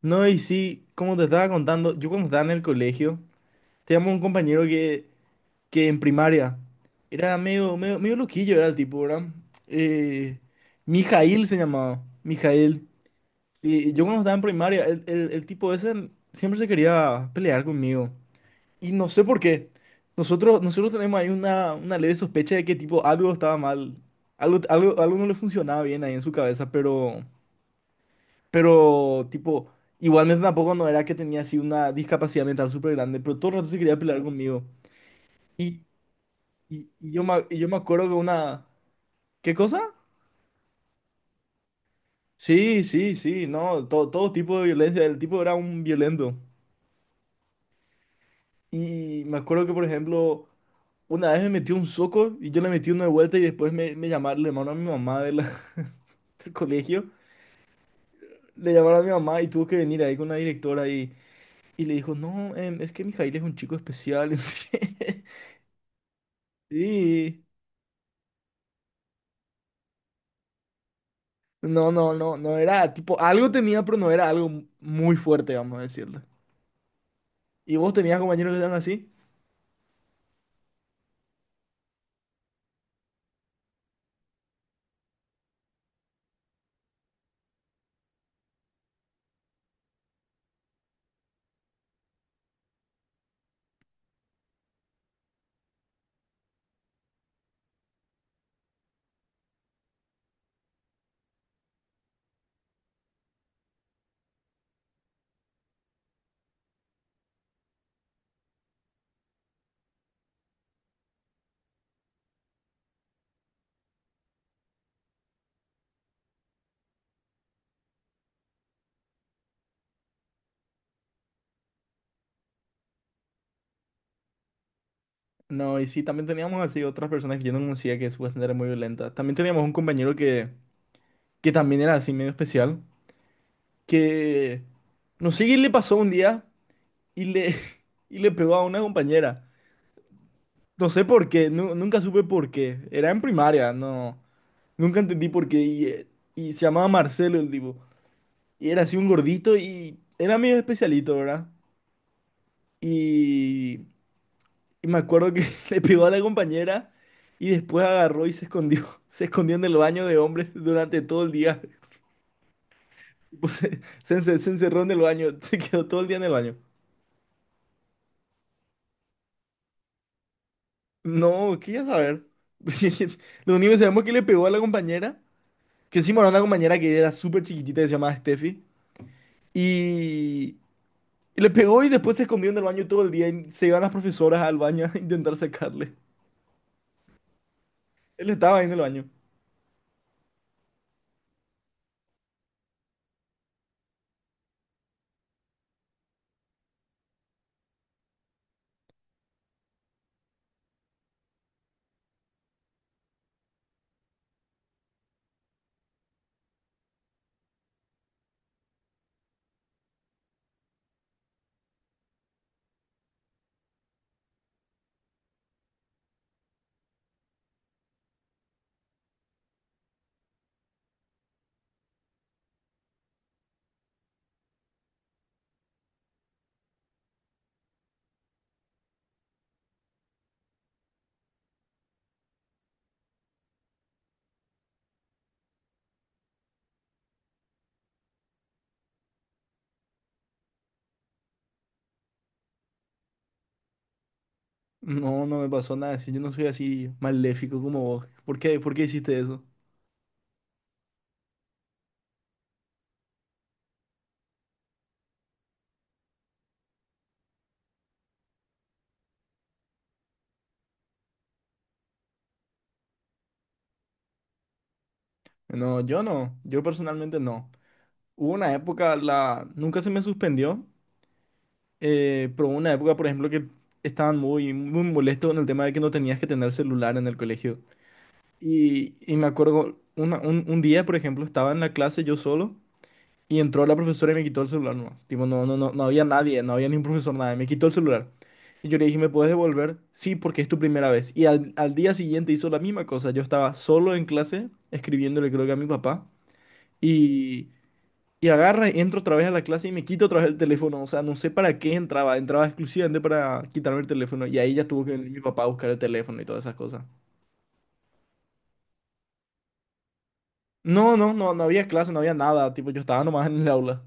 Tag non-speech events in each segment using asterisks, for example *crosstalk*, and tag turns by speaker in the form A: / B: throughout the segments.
A: No, y sí, como te estaba contando, yo cuando estaba en el colegio, teníamos un compañero que en primaria era medio loquillo, era el tipo, ¿verdad? Eh, Mijail se llamaba, Mijail. Y yo cuando estaba en primaria, el tipo ese siempre se quería pelear conmigo. Y no sé por qué. Nosotros tenemos ahí una leve sospecha de que tipo algo estaba mal, algo no le funcionaba bien ahí en su cabeza, pero... Pero, tipo, igualmente tampoco no era que tenía así una discapacidad mental súper grande, pero todo el rato se quería pelear conmigo. Y, y yo me acuerdo que una... ¿Qué cosa? Sí, sí, sí, no, todo, todo tipo de violencia, el tipo era un violento. Y me acuerdo que, por ejemplo, una vez me metió un soco y yo le metí uno de vuelta y después me llamaron, le llamaron a mi mamá de la- *laughs* del colegio, le llamaron a mi mamá y tuvo que venir ahí con la directora y le dijo, no, es que Mijail es un chico especial. *laughs* Sí. No, no, no, no era tipo, algo tenía, pero no era algo muy fuerte, vamos a decirle. ¿Y vos tenías compañeros que eran así? No, y sí, también teníamos así otras personas que yo no conocía que supuestamente eran muy violentas. También teníamos un compañero que también era así medio especial, que no sé qué le pasó un día y le, *laughs* y le pegó a una compañera. No sé por qué, nunca supe por qué. Era en primaria, no, nunca entendí por qué. Y se llamaba Marcelo el tipo. Y era así un gordito y era medio especialito, ¿verdad? Y, y me acuerdo que *laughs* le pegó a la compañera y después agarró y se escondió. *laughs* Se escondió en el baño de hombres durante todo el día. *laughs* Tipo, se encerró en el baño, *laughs* se quedó todo el día en el baño. No, quería saber. *laughs* Lo único que sabemos es que le pegó a la compañera, que encima era una compañera que era súper chiquitita, que se llamaba Steffi. Y, y le pegó y después se escondió en el baño todo el día. Y se iban las profesoras al baño *laughs* a intentar sacarle. Él estaba ahí en el baño. No, no me pasó nada. Si yo no soy así maléfico como vos. ¿Por qué? ¿Por qué hiciste eso? No, yo no. Yo personalmente no. Hubo una época, la... nunca se me suspendió, pero hubo una época, por ejemplo, que estaban muy molestos con el tema de que no tenías que tener celular en el colegio. Y me acuerdo, un día, por ejemplo, estaba en la clase yo solo. Y entró la profesora y me quitó el celular nomás. Tipo, no, no, no, no había nadie, no había ni un profesor, nadie. Me quitó el celular. Y yo le dije, ¿me puedes devolver? Sí, porque es tu primera vez. Y al día siguiente hizo la misma cosa. Yo estaba solo en clase, escribiéndole creo que a mi papá. Y, y agarra, entro otra vez a la clase y me quito otra vez el teléfono. O sea, no sé para qué entraba. Entraba exclusivamente para quitarme el teléfono. Y ahí ya tuvo que venir mi papá a buscar el teléfono y todas esas cosas. No, no, no, no había clase, no había nada. Tipo, yo estaba nomás en el aula.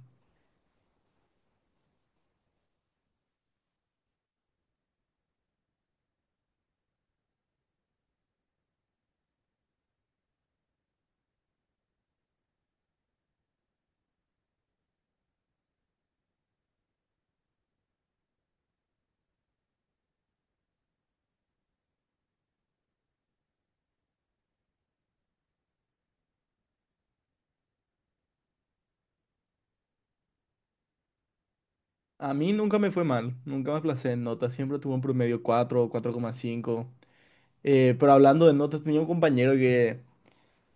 A: A mí nunca me fue mal, nunca me aplacé en notas, siempre tuve un promedio 4 o 4,5. Pero hablando de notas, tenía un compañero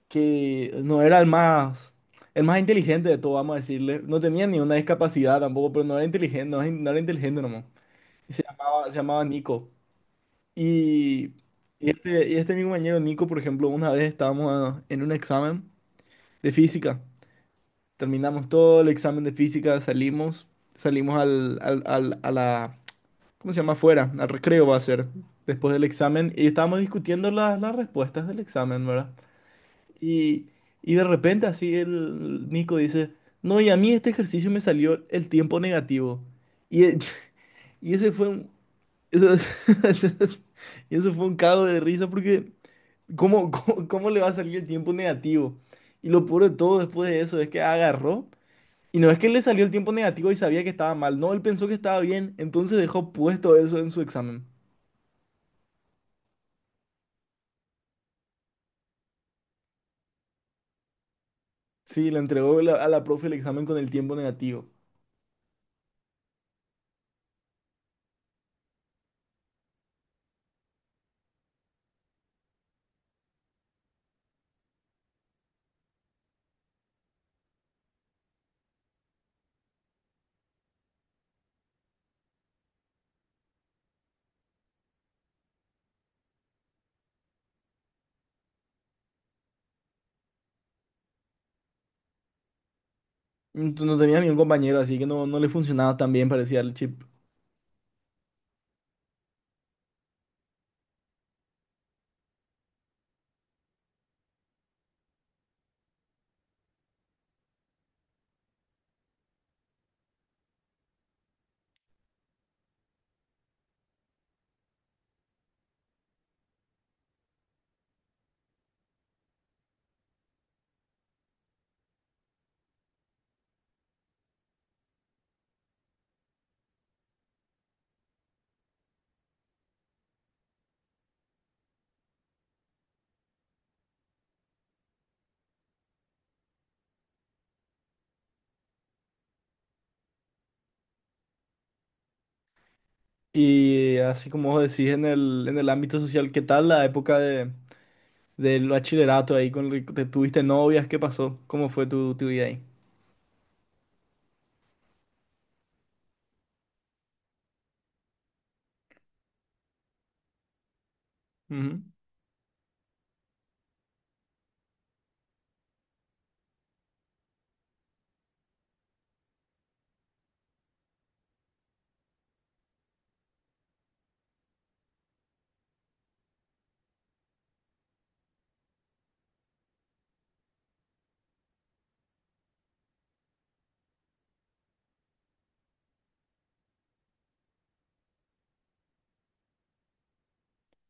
A: que no era el más inteligente de todo, vamos a decirle. No tenía ni una discapacidad tampoco, pero no era inteligente, no, no era inteligente nomás. Y se llamaba Nico. Y, y este mi compañero Nico, por ejemplo, una vez estábamos en un examen de física. Terminamos todo el examen de física, salimos, salimos a la ¿cómo se llama? Fuera, al recreo va a ser, después del examen, y estábamos discutiendo las respuestas del examen, ¿verdad? Y, y de repente así el Nico dice, no, y a mí este ejercicio me salió el tiempo negativo. Y, e- *laughs* y ese fue un... Eso, es- *laughs* y eso fue un cago de risa porque ¿cómo, *laughs* cómo, cómo le va a salir el tiempo negativo? Y lo peor de todo después de eso es que agarró. Y no es que le salió el tiempo negativo y sabía que estaba mal, no, él pensó que estaba bien, entonces dejó puesto eso en su examen. Sí, le entregó a la profe el examen con el tiempo negativo. Entonces, no tenía ningún compañero, así que no, no le funcionaba tan bien, parecía el chip. Y así como vos decís en en el ámbito social, ¿qué tal la época de, del bachillerato ahí con el que te tuviste novias? ¿Qué pasó? ¿Cómo fue tu, tu vida ahí? Ujú.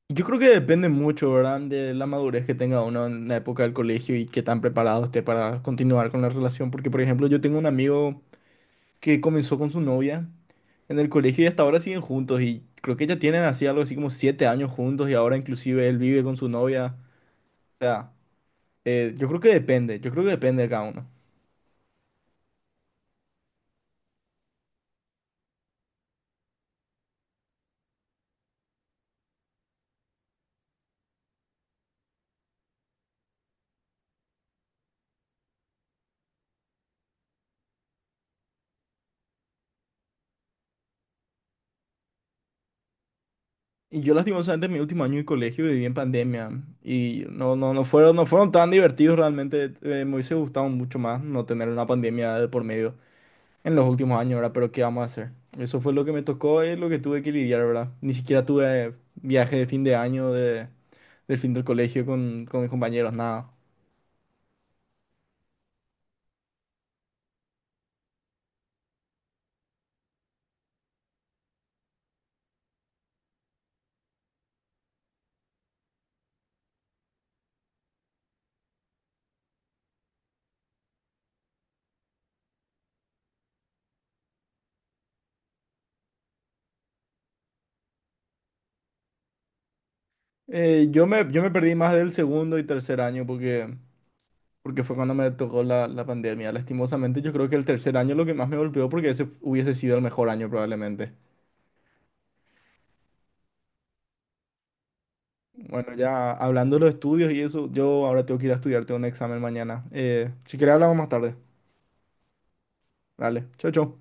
A: Yo creo que depende mucho, ¿verdad? De la madurez que tenga uno en la época del colegio y qué tan preparado esté para continuar con la relación. Porque, por ejemplo, yo tengo un amigo que comenzó con su novia en el colegio y hasta ahora siguen juntos y creo que ya tienen así algo así como 7 años juntos y ahora inclusive él vive con su novia. O sea, yo creo que depende, yo creo que depende de cada uno. Y yo lastimosamente en mi último año de colegio viví en pandemia y no, no, no fueron, no fueron tan divertidos realmente. Me hubiese gustado mucho más no tener una pandemia de por medio en los últimos años, ¿verdad? Pero ¿qué vamos a hacer? Eso fue lo que me tocó y lo que tuve que lidiar, ¿verdad? Ni siquiera tuve viaje de fin de año, de, del fin del colegio con mis compañeros, nada. Yo me perdí más del segundo y tercer año porque, porque fue cuando me tocó la, la pandemia. Lastimosamente, yo creo que el tercer año lo que más me golpeó porque ese hubiese sido el mejor año probablemente. Bueno, ya hablando de los estudios y eso, yo ahora tengo que ir a estudiar, tengo un examen mañana. Si querés hablamos más tarde. Dale, chau, chau.